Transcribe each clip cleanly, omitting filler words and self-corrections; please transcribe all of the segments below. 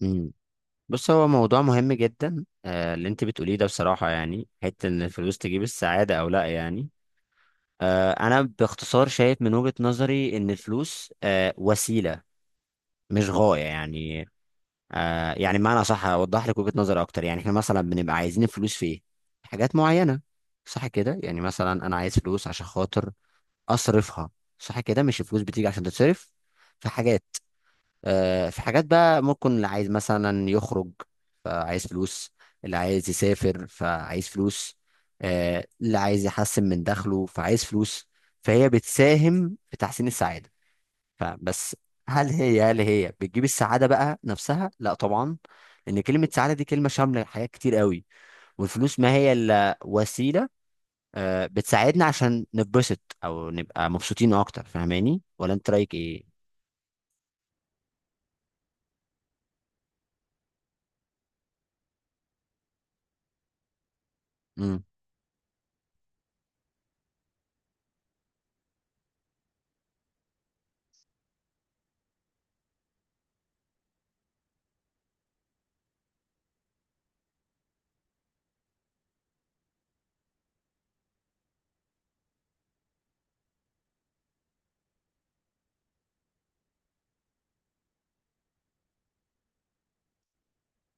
مم. بص هو موضوع مهم جدا اللي انت بتقوليه ده، بصراحة يعني حتة ان الفلوس تجيب السعادة او لا يعني. انا باختصار شايف من وجهة نظري ان الفلوس وسيلة مش غاية يعني. يعني بمعنى، صح اوضح لك وجهة نظري اكتر. يعني احنا مثلا بنبقى عايزين الفلوس في ايه؟ حاجات معينة، صح كده. يعني مثلا انا عايز فلوس عشان خاطر اصرفها، صح كده. مش الفلوس بتيجي عشان تتصرف في حاجات. في حاجات بقى، ممكن اللي عايز مثلا يخرج فعايز فلوس، اللي عايز يسافر فعايز فلوس، اللي عايز يحسن من دخله فعايز فلوس. فهي بتساهم في تحسين السعادة، فبس. هل هي بتجيب السعادة بقى نفسها؟ لا طبعا، لأن كلمة سعادة دي كلمة شاملة لحاجات كتير قوي، والفلوس ما هي إلا وسيلة. بتساعدنا عشان نتبسط أو نبقى مبسوطين أكتر. فاهماني؟ ولا أنت رأيك إيه؟ امم،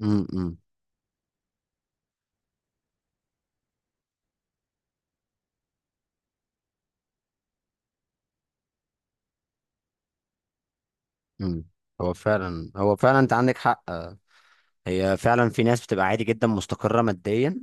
امم، امم. مم. هو فعلا انت عندك حق. هي فعلا في ناس بتبقى عادي جدا مستقرة ماديا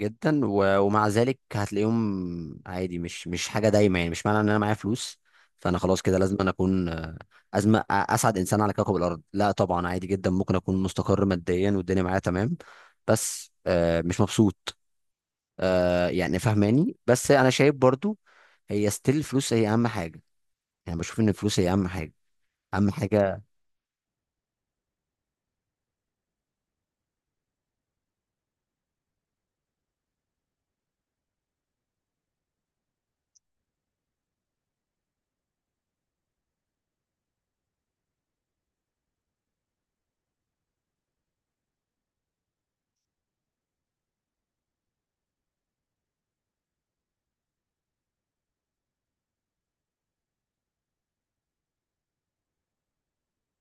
جدا، ومع ذلك هتلاقيهم عادي، مش حاجة دايمة يعني. مش معنى ان انا معايا فلوس فانا خلاص كده لازم أنا اكون اسعد انسان على كوكب الارض. لا طبعا، عادي جدا ممكن اكون مستقر ماديا والدنيا معايا تمام، بس مش مبسوط. يعني فهماني، بس انا شايف برضو هي ستيل الفلوس هي اهم حاجة. يعني بشوف ان الفلوس هي اهم حاجة، اهم حاجة.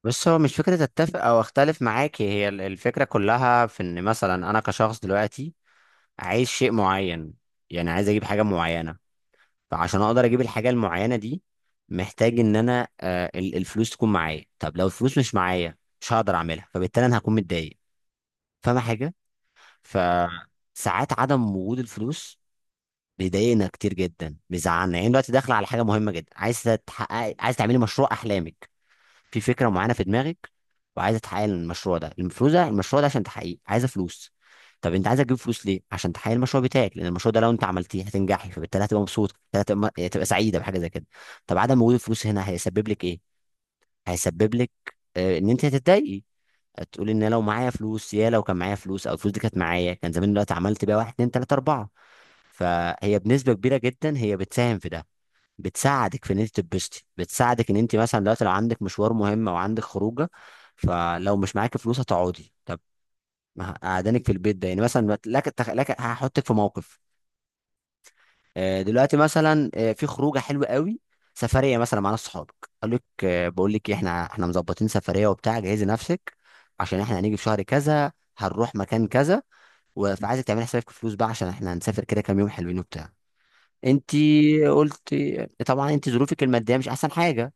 بص، هو مش فكرة اتفق او اختلف معاك، هي الفكرة كلها في ان مثلا انا كشخص دلوقتي عايز شيء معين، يعني عايز اجيب حاجة معينة. فعشان اقدر اجيب الحاجة المعينة دي، محتاج ان انا الفلوس تكون معايا. طب لو الفلوس مش معايا، مش هقدر اعملها، فبالتالي انا هكون متضايق، فاهمة حاجة؟ فساعات عدم وجود الفلوس بيضايقنا كتير جدا، بيزعلنا. يعني دلوقتي داخلة على حاجة مهمة جدا، عايز تحققي، عايز تعملي مشروع احلامك، في فكره معينه في دماغك وعايزه تحقق المشروع ده. المفروض المشروع ده عشان تحقيقه عايزه فلوس. طب انت عايزه تجيب فلوس ليه؟ عشان تحقق المشروع بتاعك، لان المشروع ده لو انت عملتيه هتنجحي، فبالتالي هتبقى مبسوط، هتبقى سعيده بحاجه زي كده. طب عدم وجود الفلوس هنا هيسبب لك ايه؟ هيسبب لك ان انت هتتضايقي. هتقولي ان لو معايا فلوس، يا لو كان معايا فلوس، او الفلوس دي كانت معايا، كان زمان دلوقتي عملت بيها واحد اتنين تلاته اربعه. فهي بنسبه كبيره جدا هي بتساهم في ده، بتساعدك في ان انت تتبسطي. بتساعدك ان انت مثلا دلوقتي لو عندك مشوار مهم او عندك خروجه، فلو مش معاكي فلوس هتقعدي. طب، ما قعدانك في البيت ده، يعني مثلا بت- لك تخ- لك هحطك في موقف. دلوقتي مثلا، في خروجه حلوه قوي، سفريه مثلا مع ناس صحابك. قال لك بقول لك إيه، احنا مظبطين سفريه وبتاع، جهزي نفسك عشان احنا هنيجي في شهر كذا، هنروح مكان كذا، فعايزك تعملي حسابك في فلوس بقى عشان احنا هنسافر كده كام يوم حلوين وبتاع. انت قلت طبعا انت ظروفك الماديه مش احسن حاجه،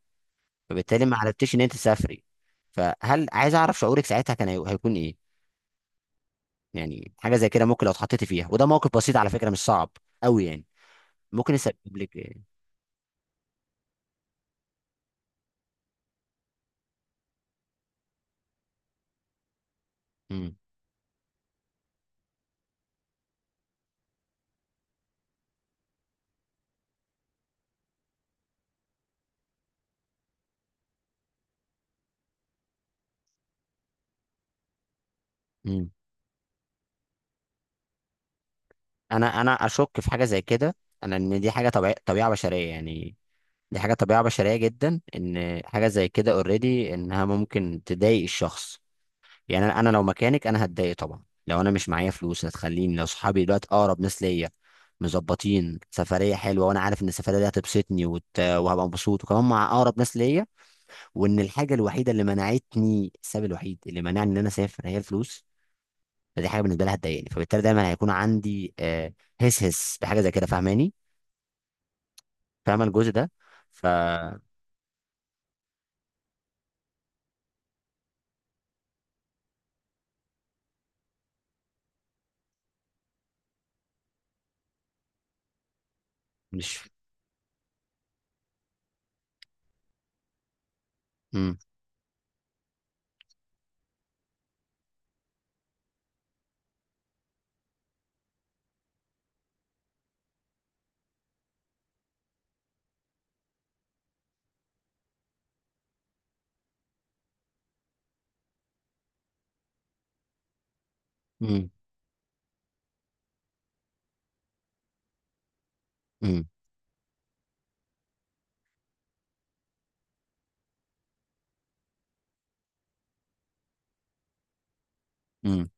فبالتالي ما عرفتيش ان انت تسافري. فهل، عايز اعرف شعورك ساعتها كان هيكون ايه؟ يعني حاجه زي كده، ممكن لو اتحطيتي فيها، وده موقف بسيط على فكره، مش صعب قوي يعني، ممكن يسبب لك ايه؟ مم. مم. انا اشك في حاجه زي كده. ان دي حاجه طبيعيه، طبيعه بشريه يعني. دي حاجه طبيعه بشريه جدا ان حاجه زي كده اوريدي انها ممكن تضايق الشخص. يعني انا لو مكانك انا هتضايق طبعا. لو انا مش معايا فلوس هتخليني، لو صحابي دلوقتي اقرب ناس ليا مظبطين سفريه حلوه، وانا عارف ان السفريه دي هتبسطني وهبقى مبسوط وكمان مع اقرب ناس ليا، وان الحاجه الوحيده اللي منعتني، السبب الوحيد اللي منعني ان انا اسافر هي الفلوس، فدي حاجه بالنسبه لها هتضايقني. فبالتالي دايما هيكون عندي هس هس بحاجه زي كده، فاهماني؟ فاهمه الجزء ده؟ فمش امم، امم، امم، امم،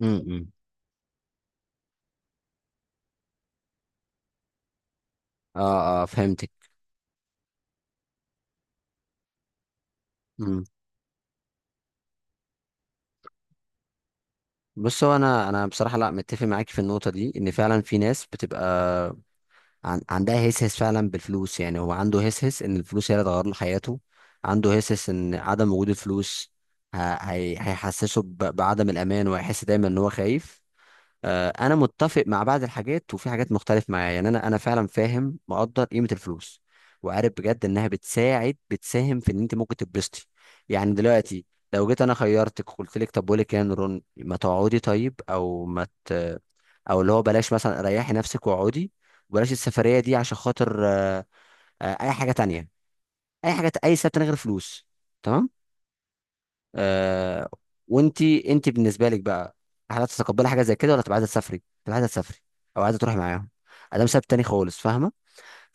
امم. اه، اه، فهمتك. بص هو انا، بصراحه لا متفق معاك في النقطه دي. ان فعلا في ناس بتبقى عندها هسهس فعلا بالفلوس، يعني هو عنده هسهس ان الفلوس هي اللي هتغير له حياته. عنده هسهس ان عدم وجود الفلوس هيحسسه بعدم الامان، وهيحس دايما ان هو خايف. انا متفق مع بعض الحاجات وفي حاجات مختلف معايا، يعني انا، انا فعلا فاهم، مقدر قيمه الفلوس. وعارف بجد انها بتساعد، بتساهم في ان انت ممكن تتبسطي. يعني دلوقتي لو جيت انا خيرتك، قلت لك طب بقول لك إيه يا نوران، ما تقعدي طيب، او ما ت... او اللي هو بلاش مثلا، ريحي نفسك واقعدي، وبلاش السفريه دي عشان خاطر اي حاجه تانية، اي حاجه، اي سبب تاني غير فلوس آه وانت بالنسبه لك بقى، هل هتتقبلي حاجه زي كده ولا تبقى عايزه تسافري؟ تبقى عايزه تسافري او عايزه تروحي معاهم، ده مسبب تاني خالص، فاهمه؟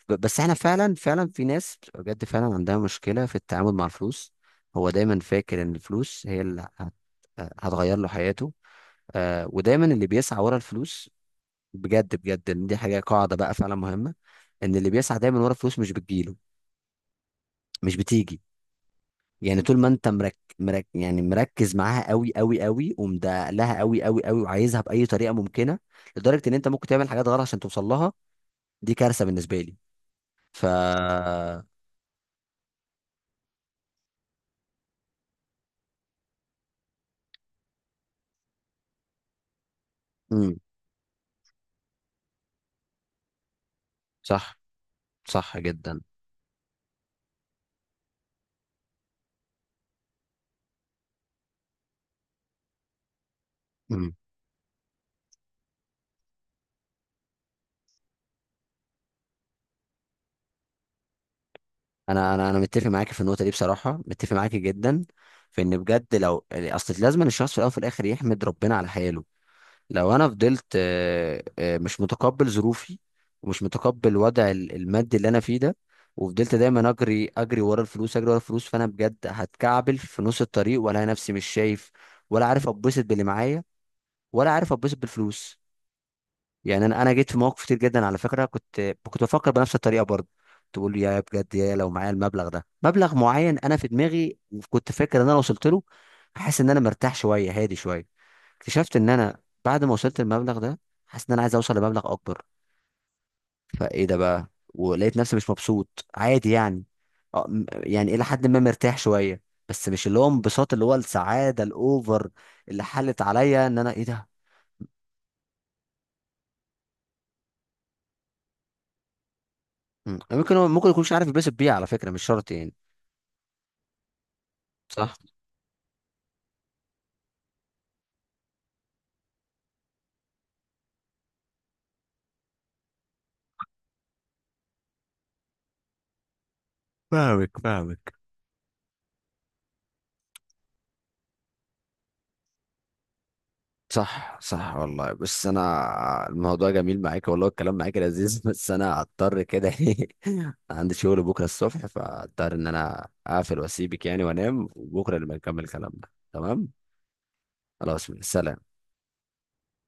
بس احنا فعلا، فعلا في ناس بتبقى بجد فعلا عندها مشكله في التعامل مع الفلوس. هو دايما فاكر ان الفلوس هي هتغير له حياته. ودايما اللي بيسعى ورا الفلوس، بجد بجد إن دي حاجه قاعده بقى فعلا مهمه، ان اللي بيسعى دايما ورا الفلوس مش بتجيله، مش بتيجي. يعني طول ما انت يعني مركز معاها قوي قوي قوي، ومدق لها قوي قوي قوي، وعايزها باي طريقه ممكنه، لدرجه ان انت ممكن تعمل حاجات غلط عشان توصل لها. دي كارثه بالنسبه لي. ف امم، صح، صح جدا. امم. انا متفق معاك في النقطه دي بصراحه، متفق معاك جدا، في ان بجد لو اصل، لازم الشخص في الاول وفي الاخر يحمد ربنا على حياله. لو انا فضلت مش متقبل ظروفي، ومش متقبل وضع المادي اللي انا فيه ده، وفضلت دايما اجري، اجري ورا الفلوس، اجري ورا الفلوس، فانا بجد هتكعبل في نص الطريق، ولا نفسي مش شايف، ولا عارف اتبسط باللي معايا، ولا عارف اتبسط بالفلوس. يعني انا جيت في مواقف كتير جدا على فكره، كنت بفكر بنفس الطريقه برضه. تقول يا بجد، يا لو معايا المبلغ ده، مبلغ معين انا في دماغي كنت فاكر ان انا وصلت له، حاسس ان انا مرتاح شويه، هادي شويه. اكتشفت ان انا بعد ما وصلت المبلغ ده، حاسس ان انا عايز اوصل لمبلغ اكبر. فايه ده بقى؟ ولقيت نفسي مش مبسوط عادي يعني. يعني الى حد ما مرتاح شويه، بس مش اللي هو انبساط، اللي هو السعاده الاوفر اللي حلت عليا ان انا ايه ده. مم. ممكن ممكن يكونش عارف يتبسط بيه على فكره، مش شرط يعني. صح، فاهمك، فاهمك. صح، صح والله. بس انا الموضوع جميل معاك والله، الكلام معاك لذيذ بس انا هضطر كده ايه، عندي شغل بكره الصبح، فهضطر ان انا اقفل واسيبك يعني وانام، وبكره نبقى نكمل كلامنا، تمام. خلاص، سلام.